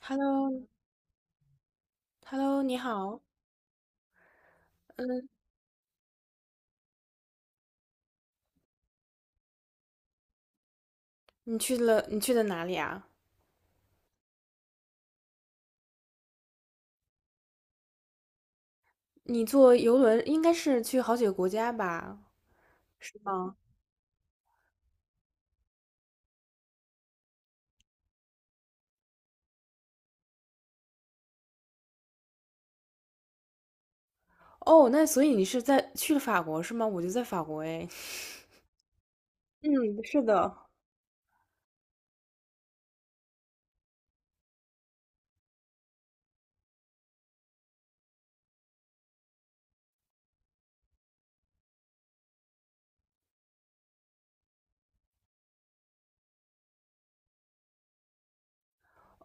Hello,Hello,你好。嗯，你去的哪里啊？你坐游轮应该是去好几个国家吧？是吗？哦，那所以你是在去了法国是吗？我就在法国诶。嗯，是的。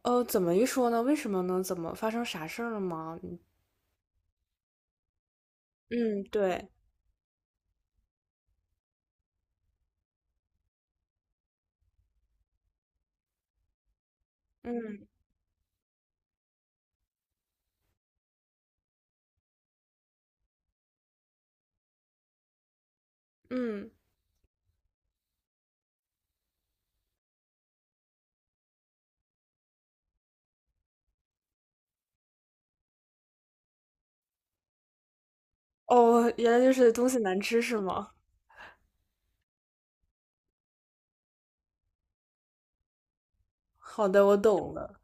怎么一说呢？为什么呢？怎么发生啥事儿了吗？嗯，嗯对，嗯嗯。哦，原来就是东西难吃是吗？好的，我懂了。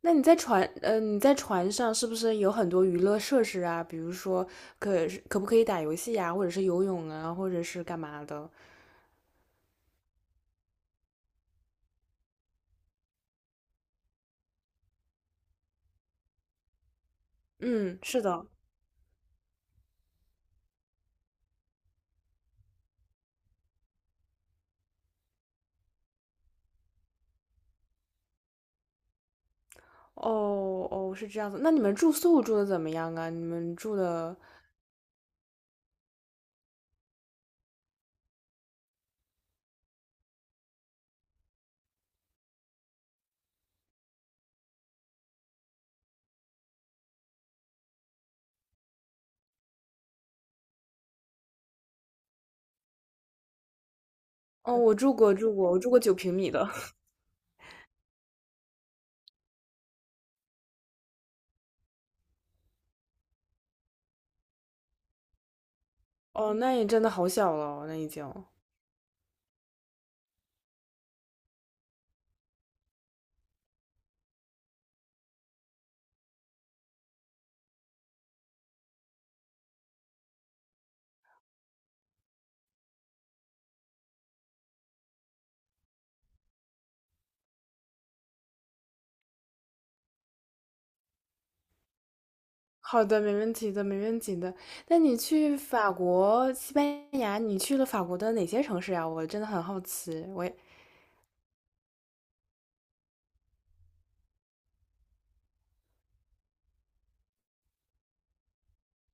那你在船，呃，你在船上是不是有很多娱乐设施啊？比如说可不可以打游戏呀、或者是游泳啊，或者是干嘛的？嗯，是的。哦哦，是这样子。那你们住宿住的怎么样啊？你们住的，哦，我住过9平米的。哦，那也真的好小了哦，那已经。好的，没问题的，没问题的。那你去法国、西班牙，你去了法国的哪些城市呀、我真的很好奇。我也，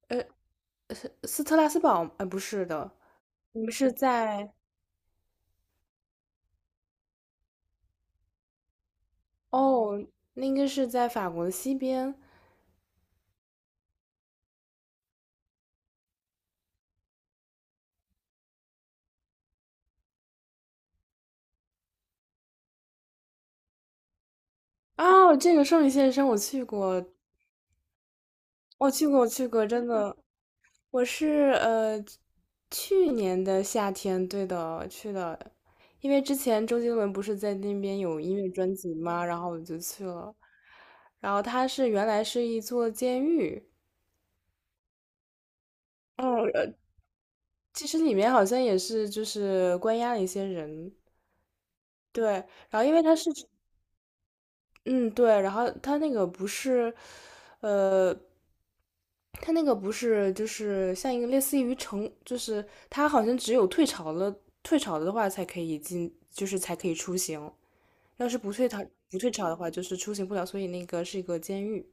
呃，斯特拉斯堡，不是的，你们是在哦，那应该是在法国的西边。哦，这个圣女献身我去过，我去过，我去过，真的，我是去年的夏天，对的，去的，因为之前周杰伦不是在那边有音乐专辑嘛，然后我就去了。然后它是原来是一座监狱，嗯，呃，其实里面好像也是就是关押了一些人，对。然后因为它是嗯，对，然后呃，它那个不是就是像一个类似于城，就是它好像只有退潮了，退潮的话才可以进，就是才可以出行，要是不退潮的话，就是出行不了，所以那个是一个监狱。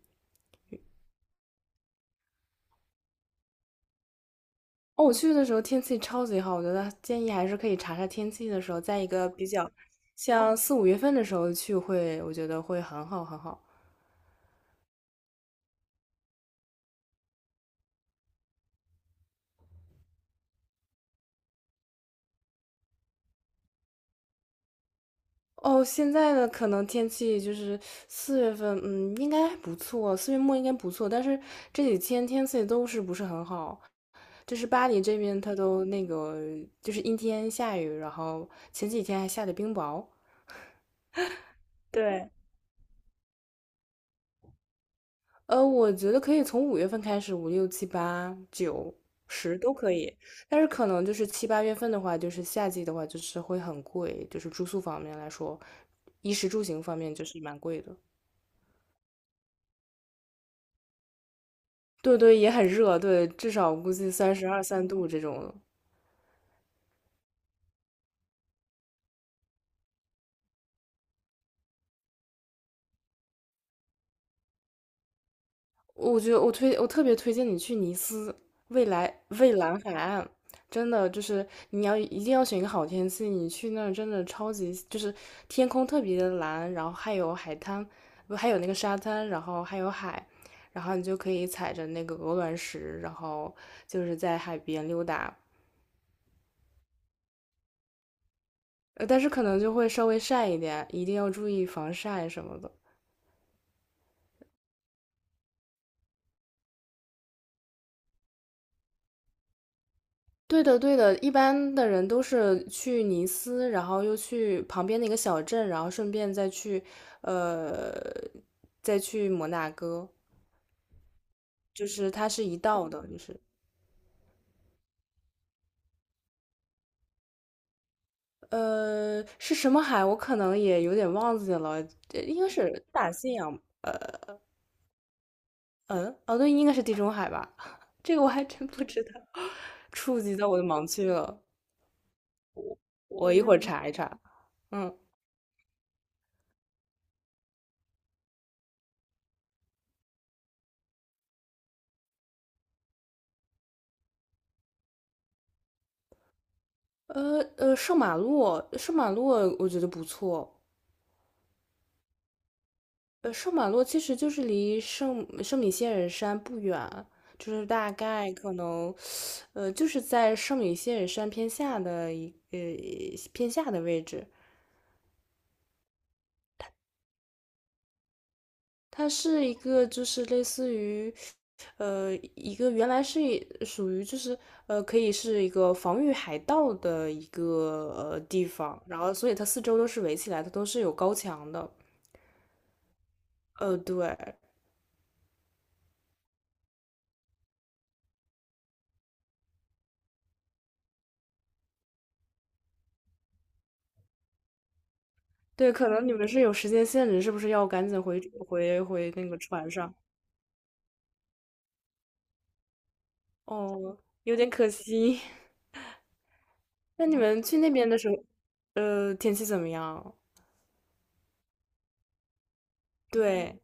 哦，我去的时候天气超级好，我觉得建议还是可以查查天气的时候，在一个比较像四五月份的时候去会，我觉得会很好很好。哦，现在的可能天气就是四月份，嗯，应该还不错，四月末应该不错，但是这几天天气都是不是很好，就是巴黎这边它都那个就是阴天下雨，然后前几天还下的冰雹。对，我觉得可以从五月份开始，五六七八九十都可以，但是可能就是七八月份的话，就是夏季的话，就是会很贵，就是住宿方面来说，衣食住行方面就是蛮贵的。对对，也很热，对，至少估计三十二三度这种。我觉得我特别推荐你去尼斯，未来蔚蓝海岸，真的就是你要一定要选一个好天气，你去那儿真的超级就是天空特别的蓝，然后还有海滩，不还有那个沙滩，然后还有海，然后你就可以踩着那个鹅卵石，然后就是在海边溜达，但是可能就会稍微晒一点，一定要注意防晒什么的。对的，对的，一般的人都是去尼斯，然后又去旁边的一个小镇，然后顺便再去，呃，再去摩纳哥，就是它是一道的，就是呃是什么海，我可能也有点忘记了，应该是大西洋，嗯，哦对，应该是地中海吧，这个我还真不知道，触及到我的盲区了，我一会儿查一查，嗯，圣马洛我觉得不错。圣马洛其实就是离圣米歇尔山不远，就是大概可能呃，就是在圣米歇尔山偏下的一呃偏下的位置。它是一个就是类似于一个原来是属于就是可以是一个防御海盗的一个地方，然后所以它四周都是围起来的，都是有高墙的。对对，可能你们是有时间限制，是不是要赶紧回那个船上？哦，有点可惜。那你们去那边的时候，天气怎么样？对，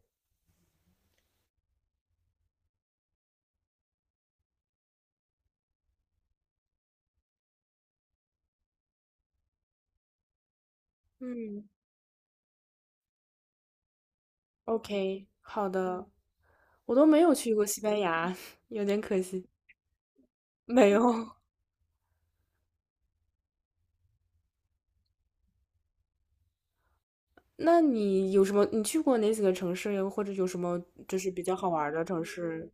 嗯，OK,好的。我都没有去过西班牙，有点可惜。没有。那你有什么？你去过哪几个城市呀？或者有什么就是比较好玩儿的城市？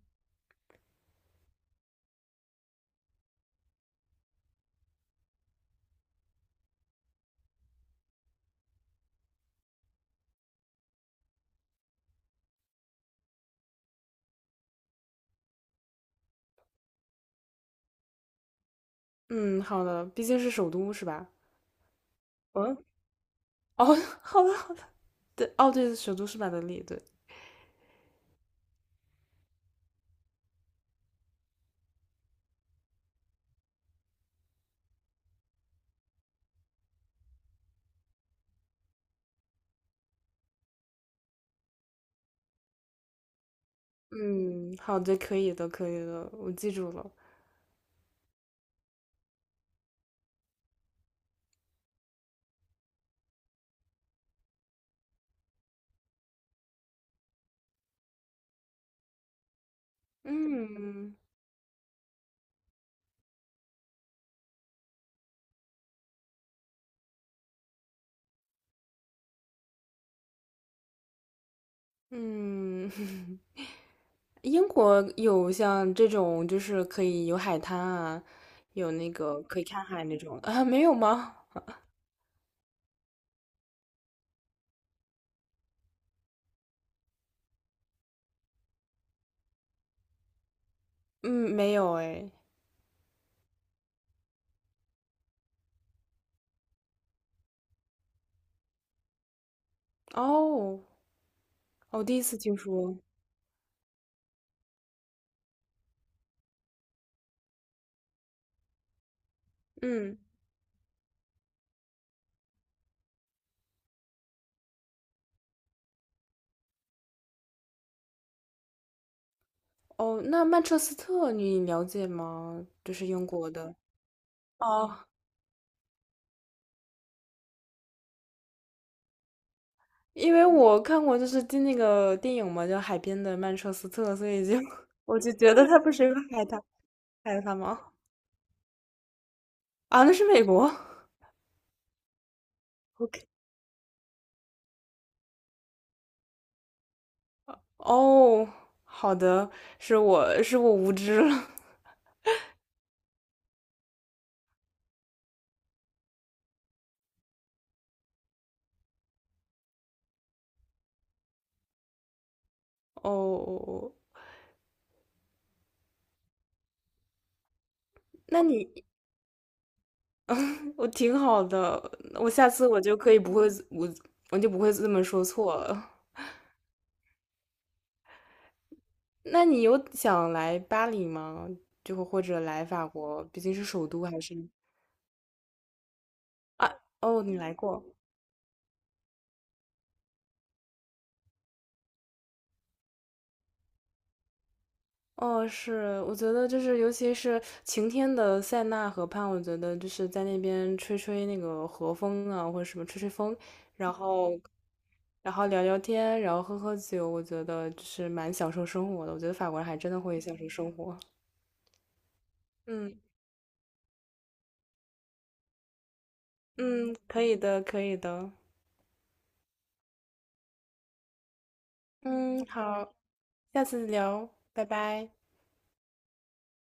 嗯，好的，毕竟是首都是吧？嗯，哦，好的，好的。对，哦，对，首都是马德里，对。嗯，好的，可以的，可以的，我记住了。嗯嗯，英国有像这种就是可以有海滩啊，有那个可以看海那种啊，没有吗？嗯，没有哎。哦，我第一次听说。嗯，哦，那曼彻斯特你了解吗？就是英国的。哦，因为我看过就是进那个电影嘛，叫《海边的曼彻斯特》，所以就 我就觉得它不是一个海滩海滩吗？啊，那是美国。OK。哦，好的，是我是我无知了。哦，那你我挺好的，我下次我就不会这么说错了。那你有想来巴黎吗？就或者来法国，毕竟是首都，还是啊？哦，你来过。哦，是，我觉得就是尤其是晴天的塞纳河畔，我觉得就是在那边吹吹那个和风啊，或者什么吹吹风，然后然后聊聊天，然后喝喝酒，我觉得就是蛮享受生活的。我觉得法国人还真的会享受生活。嗯嗯，可以的，可以的。嗯，好，下次聊，拜拜。